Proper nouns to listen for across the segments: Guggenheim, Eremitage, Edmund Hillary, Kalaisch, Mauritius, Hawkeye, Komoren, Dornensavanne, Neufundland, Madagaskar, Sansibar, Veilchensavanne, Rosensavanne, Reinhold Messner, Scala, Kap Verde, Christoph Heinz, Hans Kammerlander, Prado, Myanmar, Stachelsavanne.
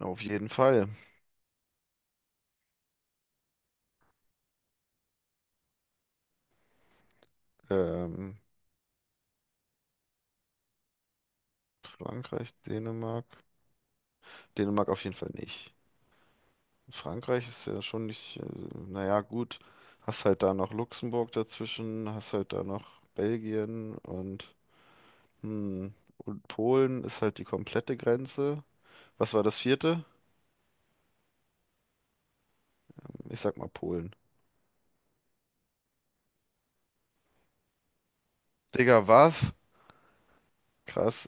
Auf jeden Fall. Ähm, Frankreich, Dänemark. Dänemark auf jeden Fall nicht. Frankreich ist ja schon nicht, naja, gut. Hast halt da noch Luxemburg dazwischen, hast halt da noch Belgien und, hm, und Polen ist halt die komplette Grenze. Was war das vierte? Ich sag mal Polen. Digga, was? Krass.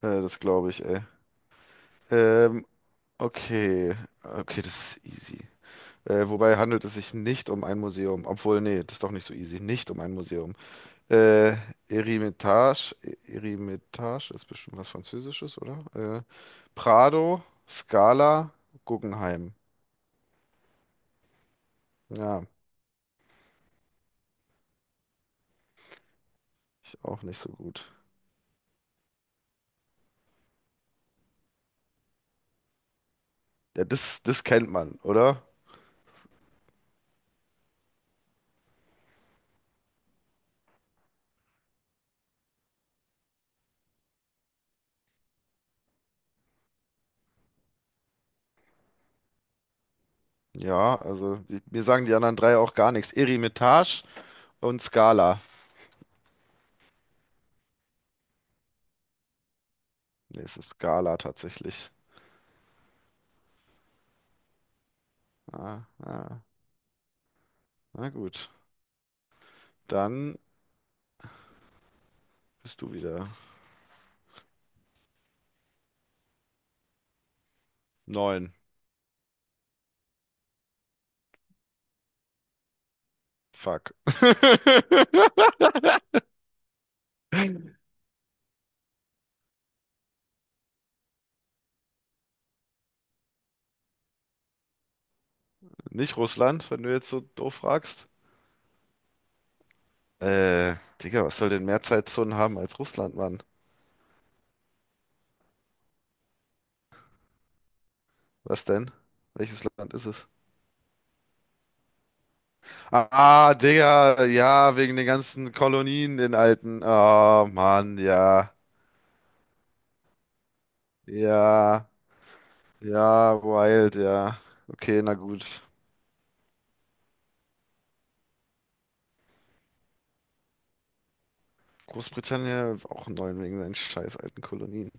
Das glaube ich, ey. Ähm, okay. Okay, das ist easy. Wobei handelt es sich nicht um ein Museum? Obwohl, nee, das ist doch nicht so easy. Nicht um ein Museum. Äh, Eremitage, Eremitage ist bestimmt was Französisches, oder? Prado, Scala, Guggenheim. Ja, ich auch nicht so gut. Ja, das kennt man, oder? Ja, also ich- mir sagen die anderen drei auch gar nichts. Eremitage und Scala. Nee, es ist Scala tatsächlich. Ah, ah, na gut. Dann bist du wieder. Neun. Fuck. Nicht Russland, wenn du jetzt so doof fragst. Äh, Digga, was soll denn mehr Zeitzonen haben als Russland, Mann? Was denn? Welches Land ist es? Ah, Digga, ja, wegen den ganzen Kolonien, den alten. Oh, Mann, ja. Ja, ja, wild, ja. Okay, na gut. Großbritannien auch neun wegen seinen scheiß alten Kolonien.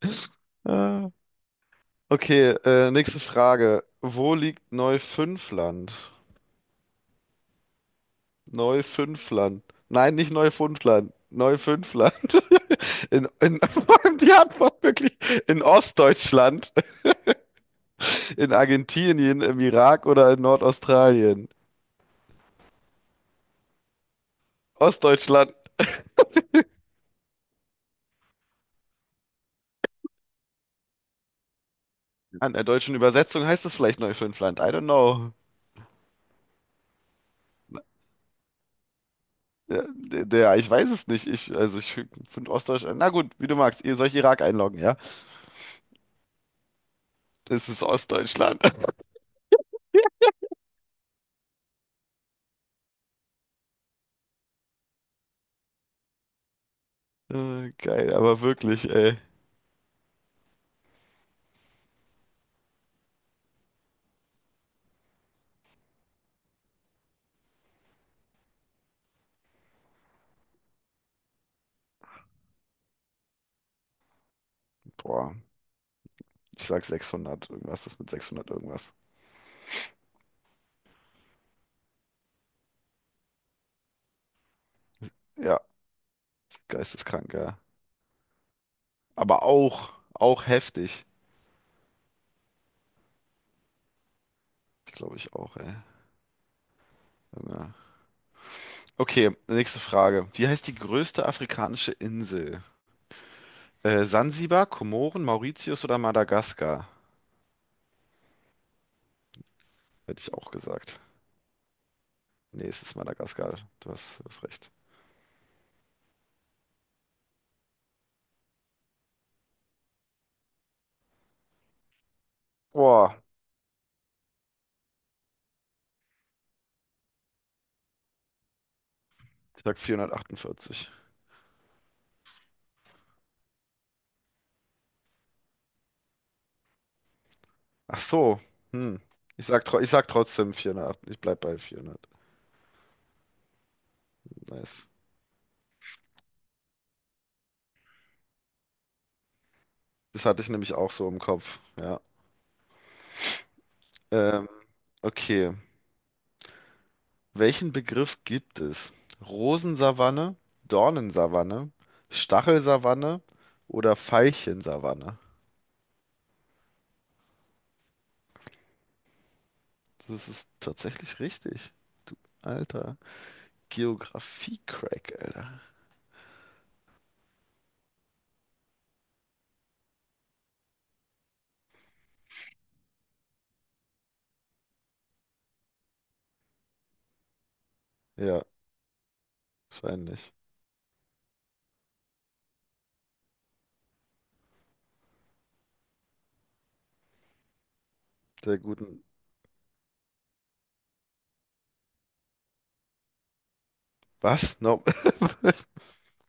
Ah. Okay, nächste Frage. Wo liegt Neufundland? Neufünfland. Nein, nicht Neufundland. Neufünfland. In, vor allem die Antwort wirklich. In Ostdeutschland, in Argentinien, im Irak oder in Nordaustralien? Ostdeutschland. An der deutschen Übersetzung heißt es vielleicht Neufünfland. I don't know. Ja, der, ich weiß es nicht. Ich, also ich finde Ostdeutschland. Na gut, wie du magst. Ihr sollt Irak einloggen, ja? Das ist Ostdeutschland. Geil, aber wirklich, ey. Boah, ich sag 600. Irgendwas ist mit 600 irgendwas. Ja. Geisteskrank, ja. Aber auch, auch heftig. Glaube ich auch, ey. Ja. Okay, nächste Frage. Wie heißt die größte afrikanische Insel? Sansibar, Komoren, Mauritius oder Madagaskar? Hätte ich auch gesagt. Nee, es ist Madagaskar. Du hast recht. Boah, ich sag 448. Ach so, hm. Ich sag trotzdem 408. Ich bleib bei 400. Nice. Das hatte ich nämlich auch so im Kopf. Ja. Ähm, okay. Welchen Begriff gibt es? Rosensavanne, Dornensavanne, Stachelsavanne oder Veilchensavanne? Das ist tatsächlich richtig. Du alter Geografie-Crack, Alter. Ja, wahrscheinlich. Der guten. Was? No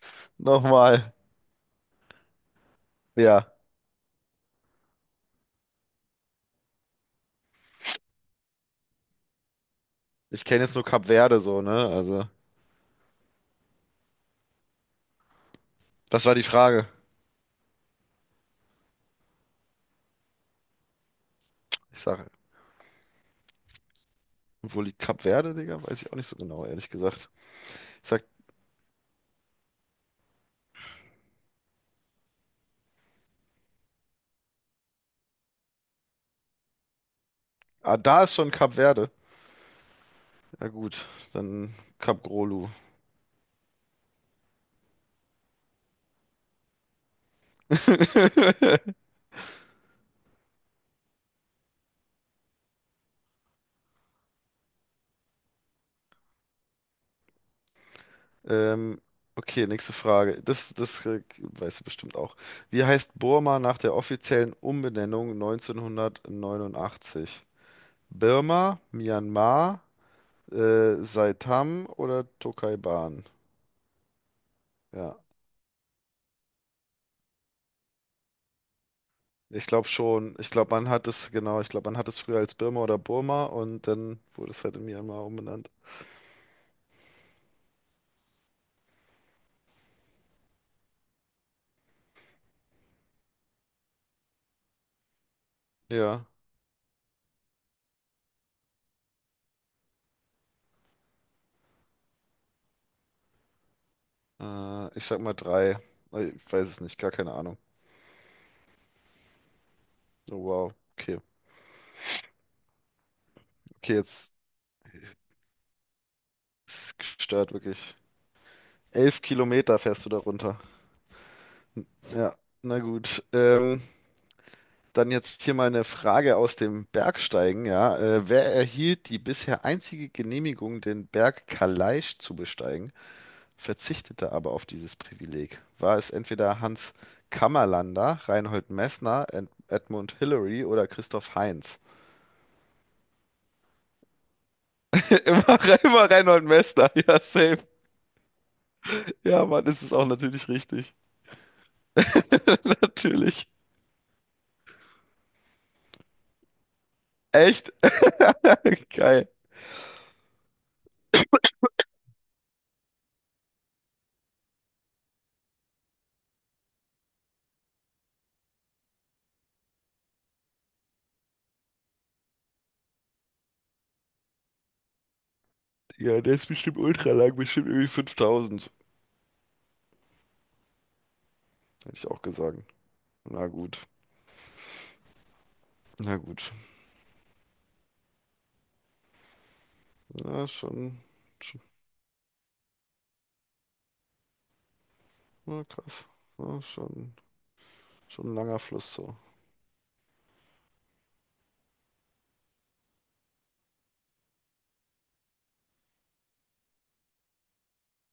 Nochmal. Ja. Ich kenne jetzt nur Kap Verde so, ne? Also, das war die Frage. Ich sage, und wo liegt Kap Verde, Digga? Weiß ich auch nicht so genau, ehrlich gesagt. Ich sag, ah, da ist schon Kap Verde. Na gut, dann Kap Grolu. Ähm, okay, nächste Frage. Das weißt du bestimmt auch. Wie heißt Burma nach der offiziellen Umbenennung 1989? Birma, Myanmar, Saitam oder Tokaiban? Ja, ich glaube schon. Ich glaube, man hat es, genau, ich glaube, man hat es früher als Birma oder Burma und dann wurde es halt in Myanmar umbenannt. Ja, ich sag mal drei. Ich weiß es nicht, gar keine Ahnung. Oh, wow, okay. Okay, jetzt ist gestört wirklich. Elf Kilometer fährst du da runter. Ja, na gut. Dann jetzt hier mal eine Frage aus dem Bergsteigen, ja. Wer erhielt die bisher einzige Genehmigung, den Berg Kalaisch zu besteigen, verzichtete aber auf dieses Privileg? War es entweder Hans Kammerlander, Reinhold Messner, Ed Edmund Hillary oder Christoph Heinz? Immer, immer Reinhold Messner, ja, safe. Ja, Mann, das ist auch natürlich richtig. Natürlich. Echt? Geil. Ja, der ist bestimmt ultra lang, bestimmt irgendwie 5000. Hätte ich auch gesagt. Na gut. Na gut. Ja, schon, schon, na krass. Ja, schon, schon ein langer Fluss so.